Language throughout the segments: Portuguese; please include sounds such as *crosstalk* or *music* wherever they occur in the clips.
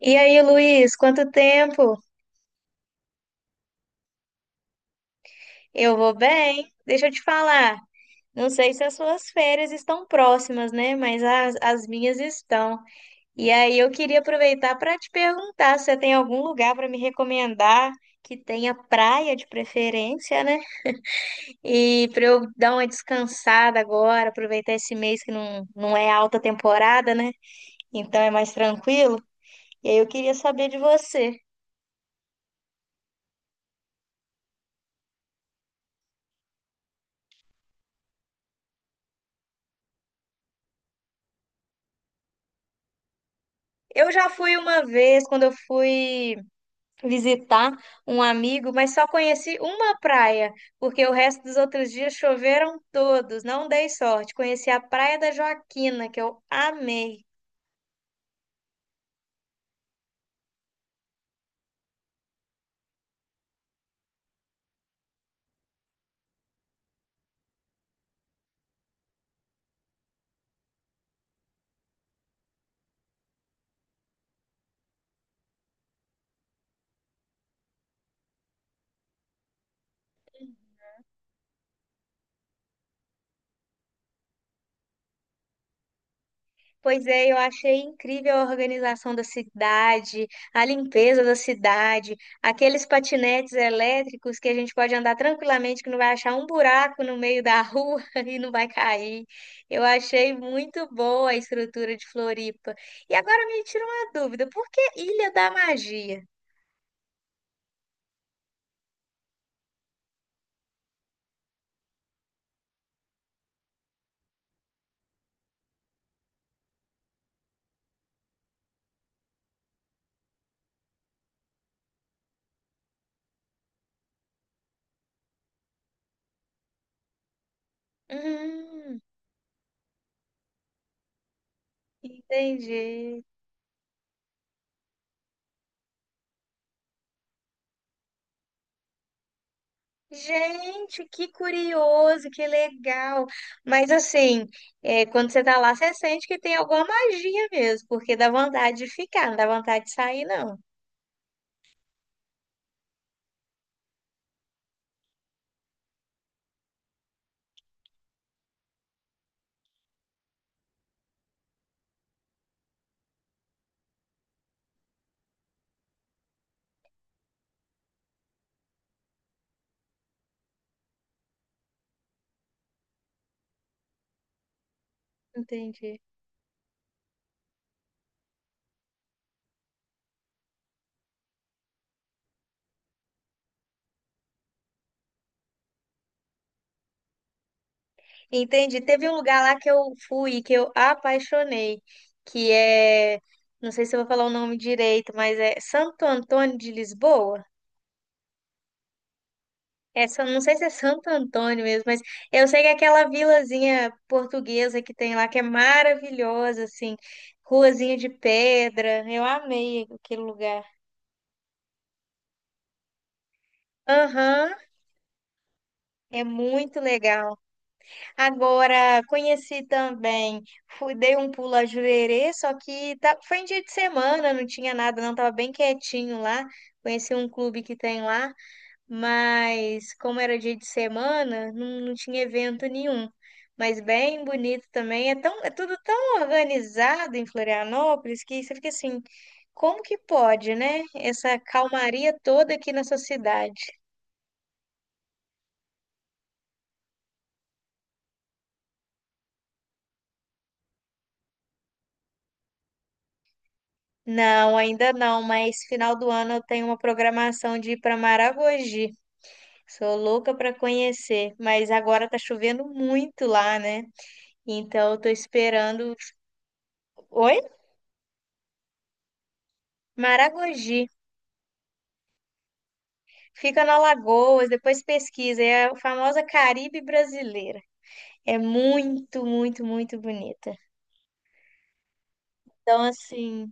E aí, Luiz, quanto tempo? Eu vou bem. Deixa eu te falar. Não sei se as suas férias estão próximas, né? Mas as minhas estão. E aí, eu queria aproveitar para te perguntar se você tem algum lugar para me recomendar que tenha praia de preferência, né? E para eu dar uma descansada agora, aproveitar esse mês que não é alta temporada, né? Então é mais tranquilo. E aí, eu queria saber de você. Eu já fui uma vez, quando eu fui visitar um amigo, mas só conheci uma praia, porque o resto dos outros dias choveram todos, não dei sorte. Conheci a Praia da Joaquina, que eu amei. Pois é, eu achei incrível a organização da cidade, a limpeza da cidade, aqueles patinetes elétricos que a gente pode andar tranquilamente, que não vai achar um buraco no meio da rua *laughs* e não vai cair. Eu achei muito boa a estrutura de Floripa. E agora me tira uma dúvida, por que Ilha da Magia? Hum, entendi. Gente, que curioso, que legal. Mas assim, quando você tá lá, você sente que tem alguma magia mesmo, porque dá vontade de ficar, não dá vontade de sair, não. Entendi. Entendi. Teve um lugar lá que eu fui, que eu apaixonei, que é, não sei se eu vou falar o nome direito, mas é Santo Antônio de Lisboa. É, não sei se é Santo Antônio mesmo, mas eu sei que é aquela vilazinha portuguesa que tem lá, que é maravilhosa, assim, ruazinha de pedra. Eu amei aquele lugar. Aham, é muito legal. Agora, conheci também, fui, dei um pulo a Jurerê, só que tá, foi em dia de semana, não tinha nada, não, tava bem quietinho lá. Conheci um clube que tem lá, mas como era dia de semana, não tinha evento nenhum. Mas bem bonito também. É tão, é tudo tão organizado em Florianópolis que você fica assim, como que pode, né? Essa calmaria toda aqui nessa cidade. Não, ainda não, mas final do ano eu tenho uma programação de ir para Maragogi. Sou louca para conhecer, mas agora tá chovendo muito lá, né? Então eu tô esperando. Oi? Maragogi. Fica na Alagoas, depois pesquisa. É a famosa Caribe brasileira. É muito, muito, muito bonita. Então, assim,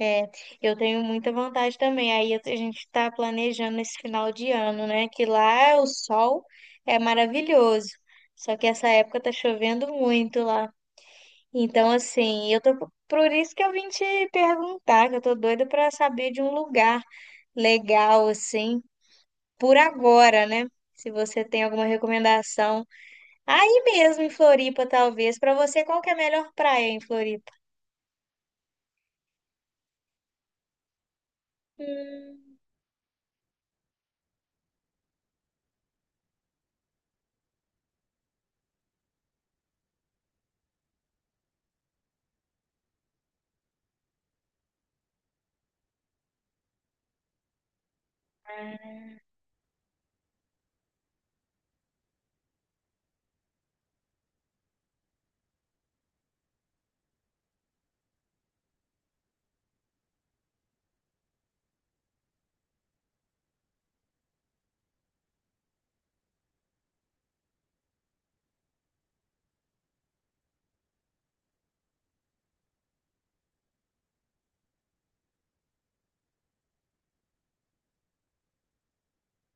é, eu tenho muita vontade também. Aí a gente está planejando esse final de ano, né? Que lá o sol é maravilhoso. Só que essa época tá chovendo muito lá. Então, assim, eu tô. Por isso que eu vim te perguntar, que eu tô doida para saber de um lugar legal, assim, por agora, né? Se você tem alguma recomendação. Aí mesmo em Floripa, talvez. Pra você, qual que é a melhor praia em Floripa? Hum,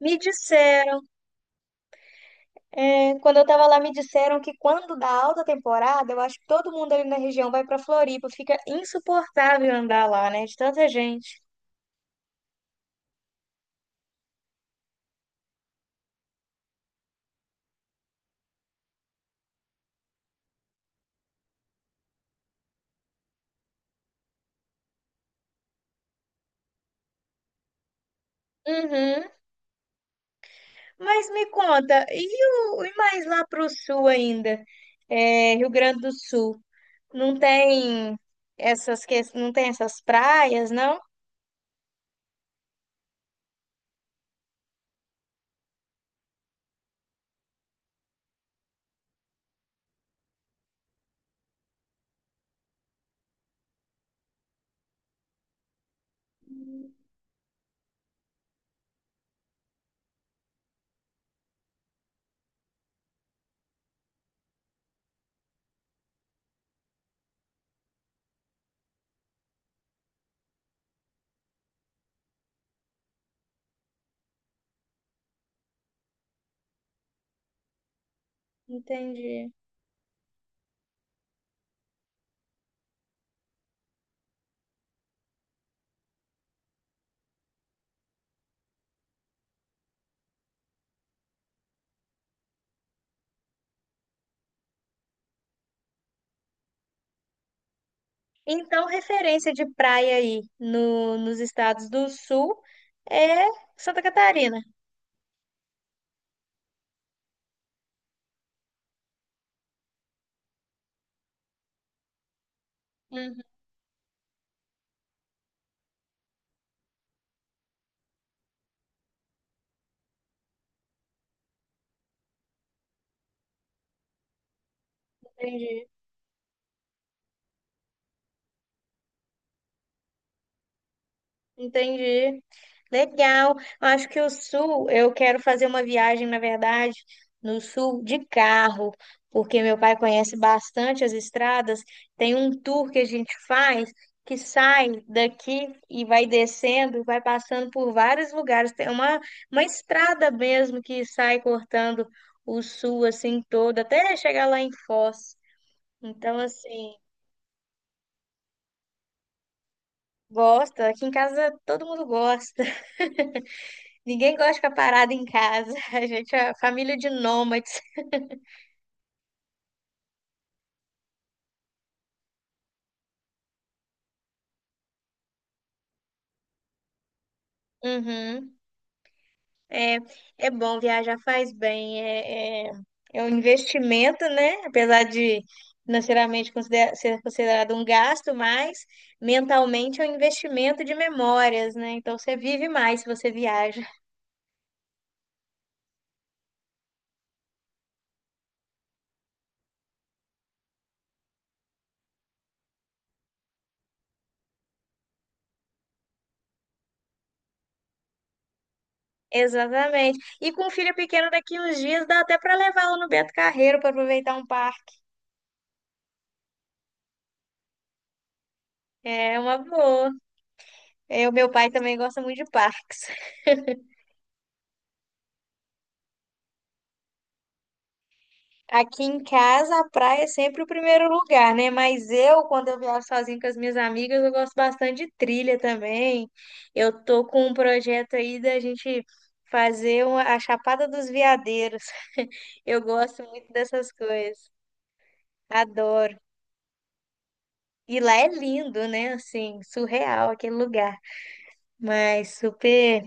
me disseram, é, quando eu tava lá, me disseram que quando dá alta temporada, eu acho que todo mundo ali na região vai pra Floripa. Fica insuportável andar lá, né? De tanta gente. Uhum. Mas me conta, e mais lá pro sul ainda? É, Rio Grande do Sul. Não tem essas, não tem essas praias, não? Entendi. Então, referência de praia aí no, nos estados do sul é Santa Catarina. Uhum. Entendi. Entendi. Legal. Acho que o sul, eu quero fazer uma viagem, na verdade, no sul de carro, porque meu pai conhece bastante as estradas. Tem um tour que a gente faz que sai daqui e vai descendo, vai passando por vários lugares. Tem uma estrada mesmo que sai cortando o sul assim todo, até chegar lá em Foz. Então, assim, gosta. Aqui em casa todo mundo gosta. Ninguém gosta de ficar parado em casa. *laughs* A gente é família de nômades. Uhum. É, é bom viajar, faz bem. É, é, é um investimento, né? Apesar de financeiramente ser considerado um gasto, mas mentalmente é um investimento de memórias, né? Então você vive mais se você viaja. Exatamente. E com um filho pequeno daqui uns dias, dá até para levá-lo no Beto Carreiro para aproveitar um parque. É uma boa. É, o meu pai também gosta muito de parques. Aqui em casa, a praia é sempre o primeiro lugar, né? Mas eu, quando eu viajo sozinho com as minhas amigas, eu gosto bastante de trilha também. Eu tô com um projeto aí da gente fazer a Chapada dos Veadeiros. *laughs* Eu gosto muito dessas coisas, adoro. E lá é lindo, né? Assim, surreal aquele lugar. Mas super.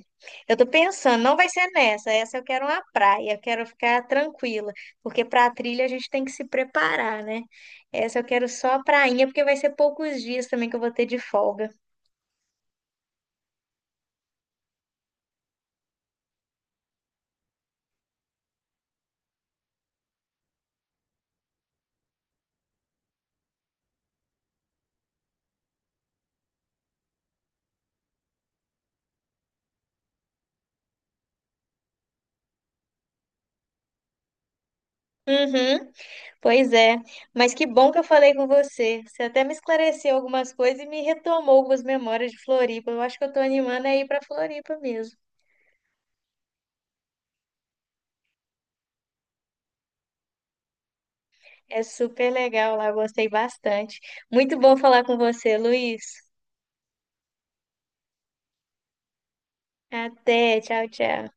Eu tô pensando, não vai ser nessa. Essa eu quero uma praia, eu quero ficar tranquila, porque pra trilha a gente tem que se preparar, né? Essa eu quero só a prainha, porque vai ser poucos dias também que eu vou ter de folga. Uhum, pois é. Mas que bom que eu falei com você. Você até me esclareceu algumas coisas e me retomou algumas memórias de Floripa. Eu acho que eu tô animando a ir pra Floripa mesmo. É super legal lá, gostei bastante. Muito bom falar com você, Luiz. Até, tchau, tchau.